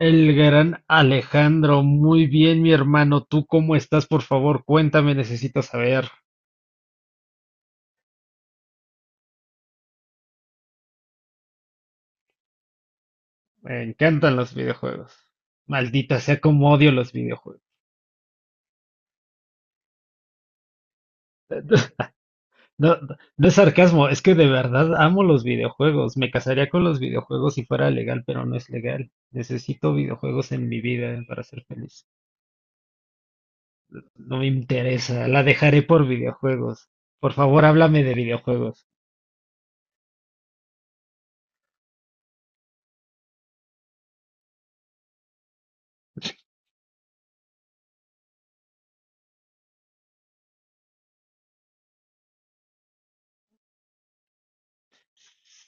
El gran Alejandro, muy bien, mi hermano. ¿Tú cómo estás? Por favor, cuéntame, necesito saber. Me encantan los videojuegos. Maldita sea, cómo odio los videojuegos. No, no es sarcasmo, es que de verdad amo los videojuegos. Me casaría con los videojuegos si fuera legal, pero no es legal. Necesito videojuegos en mi vida para ser feliz. No me interesa, la dejaré por videojuegos. Por favor, háblame de videojuegos.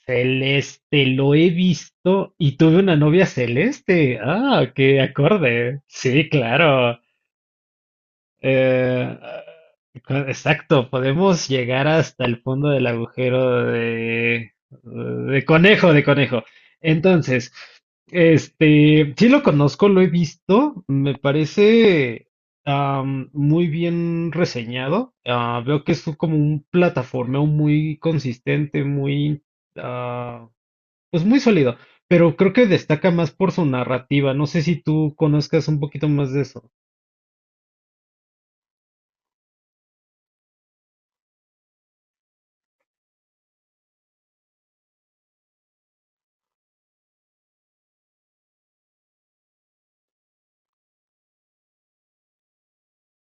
Celeste, lo he visto y tuve una novia celeste. Ah, qué acorde. Sí, claro. Eh, exacto, podemos llegar hasta el fondo del agujero de conejo, de conejo. Entonces, este, sí lo conozco, lo he visto, me parece muy bien reseñado. Ah, veo que es como un plataformeo muy consistente, muy ah, pues muy sólido, pero creo que destaca más por su narrativa. No sé si tú conozcas un poquito más de eso.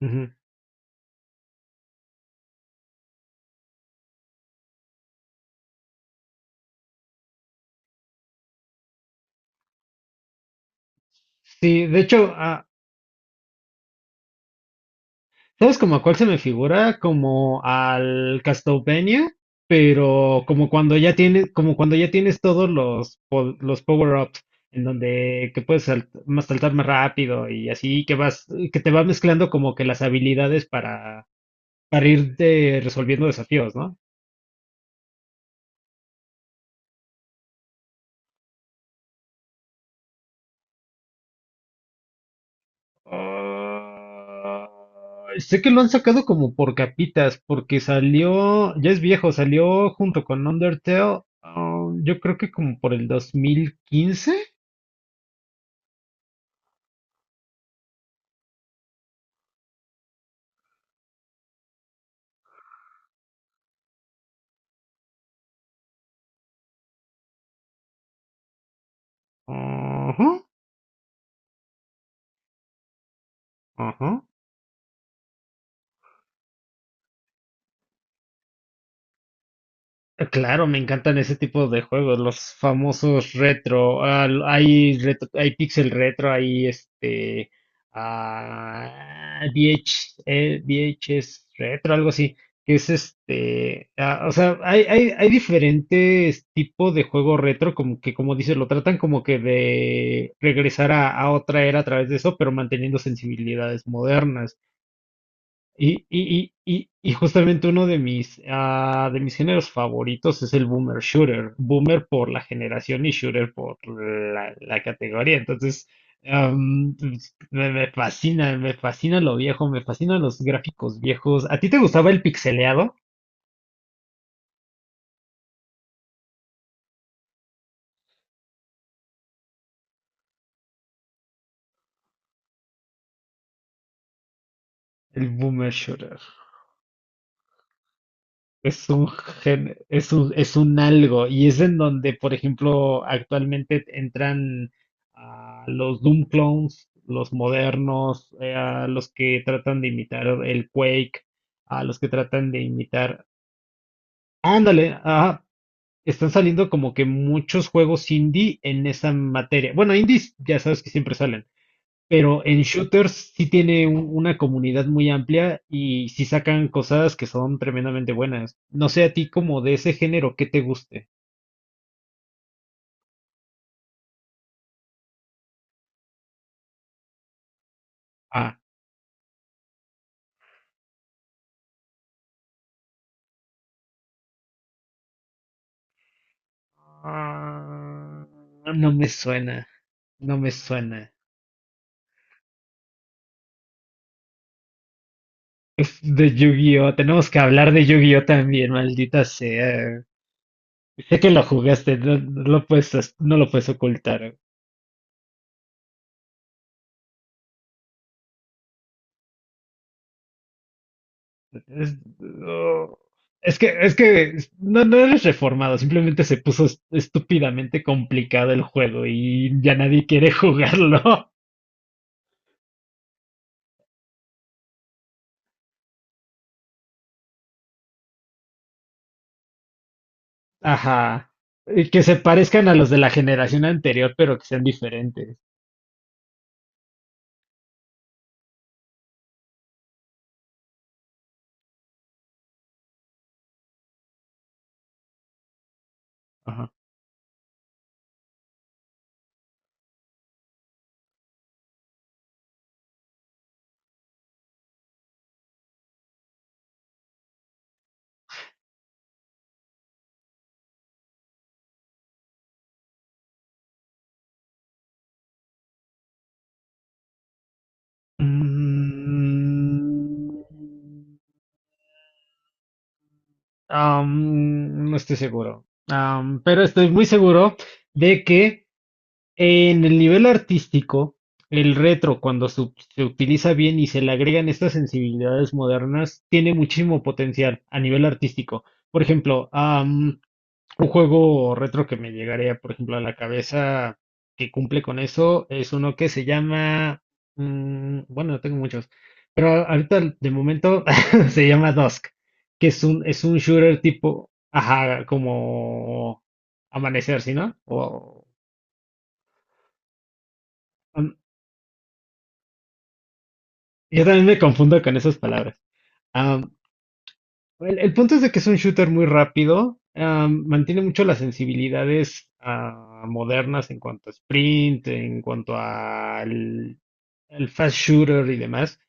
Ujú. Sí, de hecho, ¿sabes como a cuál se me figura? Como al Castlevania, pero como cuando ya tienes todos los power-ups, en donde que puedes más saltar más rápido y así que vas, que te va mezclando como que las habilidades para ir resolviendo desafíos, ¿no? Ah, sé que lo han sacado como por capitas, porque salió, ya es viejo, salió junto con Undertale, yo creo que como por el 2015. Ajá, ajá. Claro, me encantan ese tipo de juegos, los famosos retro. Hay retro, hay pixel retro, hay este VHS retro, algo así, que es este, o sea, hay diferentes tipos de juego retro, como que como dices, lo tratan como que de regresar a otra era a través de eso, pero manteniendo sensibilidades modernas. Y justamente uno de mis géneros favoritos es el boomer shooter. Boomer por la generación y shooter por la categoría. Entonces, pues, me fascina, me fascina lo viejo, me fascinan los gráficos viejos. ¿A ti te gustaba el pixeleado? El boomer shooter. Es un algo, y es en donde, por ejemplo, actualmente entran los Doom clones, los modernos, a los que tratan de imitar el Quake, a los que tratan de imitar. Ándale, ajá, están saliendo como que muchos juegos indie en esa materia. Bueno, indies ya sabes que siempre salen, pero en shooters sí tiene una comunidad muy amplia y sí sacan cosas que son tremendamente buenas. No sé a ti como de ese género, ¿qué te guste? Ah, ah, no me suena, no me suena. Es de Yu-Gi-Oh! Tenemos que hablar de Yu-Gi-Oh! También, maldita sea. Sé que lo jugaste, no, no lo puedes, no lo puedes ocultar. Es, oh, es que no, no eres reformado, simplemente se puso estúpidamente complicado el juego y ya nadie quiere jugarlo. Ajá. Y que se parezcan a los de la generación anterior, pero que sean diferentes. Ajá. Mm, no estoy seguro. Pero estoy muy seguro de que en el nivel artístico, el retro, cuando se utiliza bien y se le agregan estas sensibilidades modernas, tiene muchísimo potencial a nivel artístico. Por ejemplo, un juego retro que me llegaría, por ejemplo, a la cabeza que cumple con eso es uno que se llama, bueno, no tengo muchos, pero ahorita de momento se llama Dusk, que es un shooter tipo, ajá, como Amanecer, ¿sí, no? Yo también me confundo con esas palabras. Am, el punto es de que es un shooter muy rápido, mantiene mucho las sensibilidades modernas en cuanto a sprint, en cuanto al fast shooter y demás,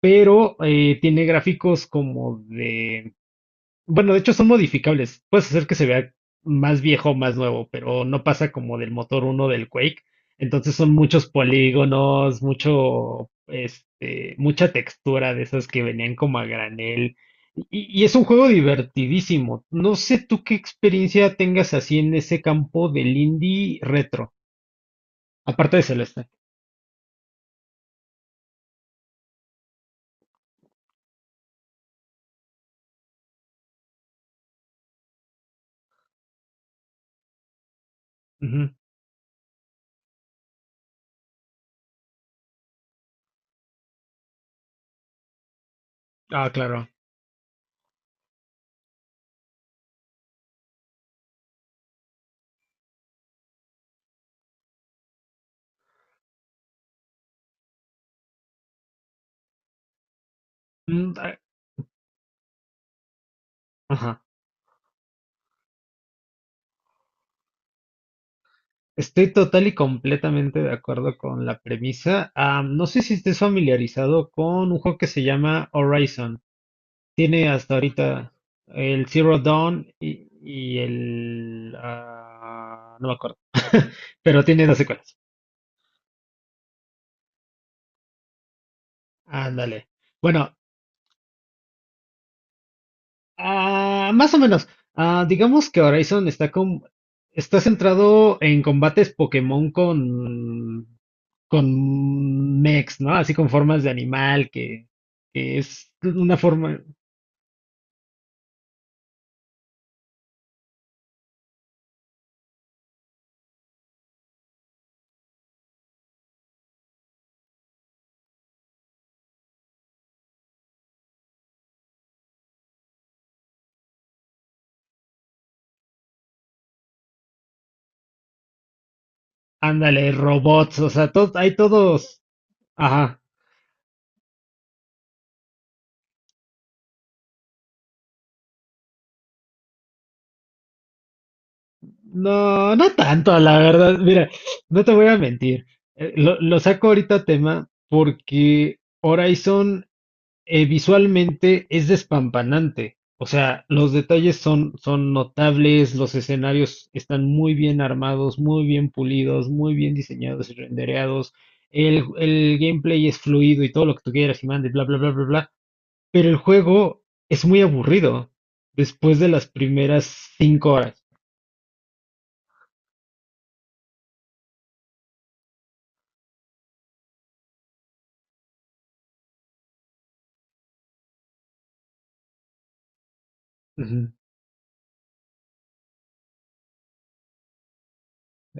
pero tiene gráficos. Como de Bueno, de hecho son modificables. Puedes hacer que se vea más viejo o más nuevo, pero no pasa como del motor uno del Quake. Entonces son muchos polígonos, mucho, este, mucha textura de esas que venían como a granel. Y es un juego divertidísimo. No sé tú qué experiencia tengas así en ese campo del indie retro, aparte de Celeste. Ujú. Ah, claro. Mm, ah, ajá. Estoy total y completamente de acuerdo con la premisa. Ah, no sé si estés familiarizado con un juego que se llama Horizon. Tiene hasta ahorita el Zero Dawn y no me acuerdo, pero tiene dos secuelas. Ándale. Bueno, ah, más o menos. Ah, digamos que Horizon está centrado en combates Pokémon con mechs, ¿no? Así con formas de animal, que es una forma, ándale, robots, o sea, hay todos, ajá. No, no tanto, la verdad. Mira, no te voy a mentir. Lo saco ahorita a tema porque Horizon visualmente es despampanante. O sea, los detalles son notables, los escenarios están muy bien armados, muy bien pulidos, muy bien diseñados y rendereados. El gameplay es fluido y todo lo que tú quieras y mande, bla, bla, bla, bla, bla. Pero el juego es muy aburrido después de las primeras 5 horas. Ujú.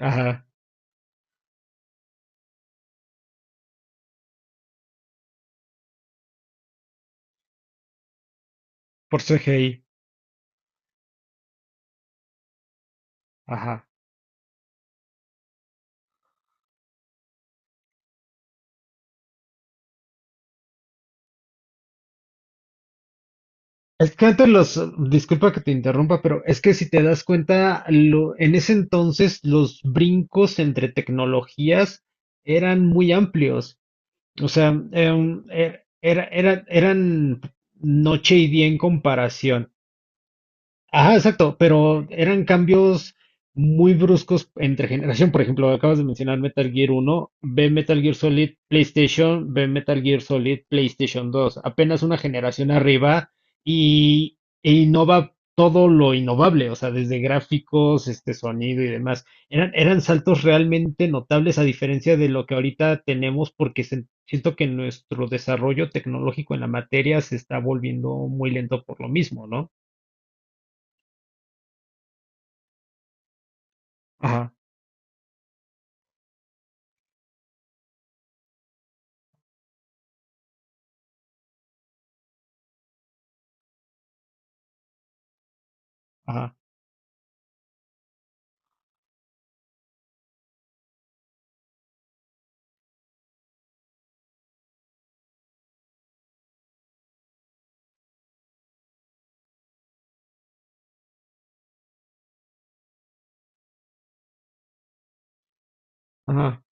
Ajá, por CGI. Ajá. Es que antes disculpa que te interrumpa, pero es que si te das cuenta, en ese entonces los brincos entre tecnologías eran muy amplios. O sea, eran noche y día en comparación. Ajá, exacto, pero eran cambios muy bruscos entre generación. Por ejemplo, acabas de mencionar Metal Gear uno, ve Metal Gear Solid PlayStation, ve Metal Gear Solid PlayStation dos. Apenas una generación arriba e innova todo lo innovable, o sea, desde gráficos, este sonido y demás. Eran saltos realmente notables a diferencia de lo que ahorita tenemos porque siento que nuestro desarrollo tecnológico en la materia se está volviendo muy lento por lo mismo, ¿no? Ajá, ajá. Ajá,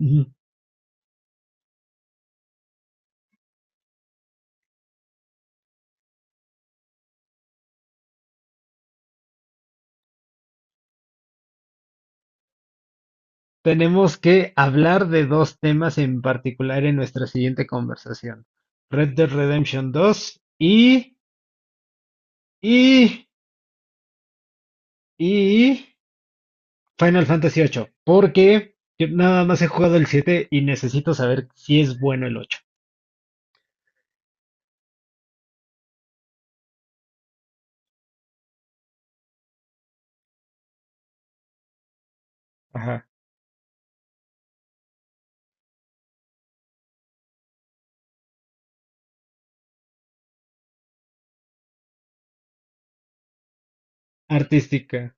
ujú. Tenemos que hablar de dos temas en particular en nuestra siguiente conversación. Red Dead Redemption 2 y, y Final Fantasy 8, porque yo nada más he jugado el 7 y necesito saber si es bueno el 8. Ajá, artística.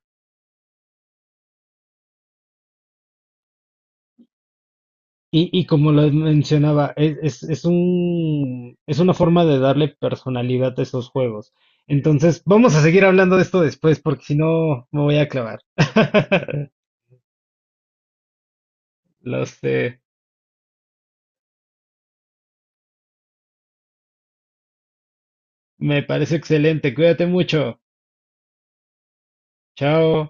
Y como lo mencionaba, es una forma de darle personalidad a esos juegos. Entonces, vamos a seguir hablando de esto después, porque si no, me voy a clavar. Lo sé. Me parece excelente. Cuídate mucho. Chao.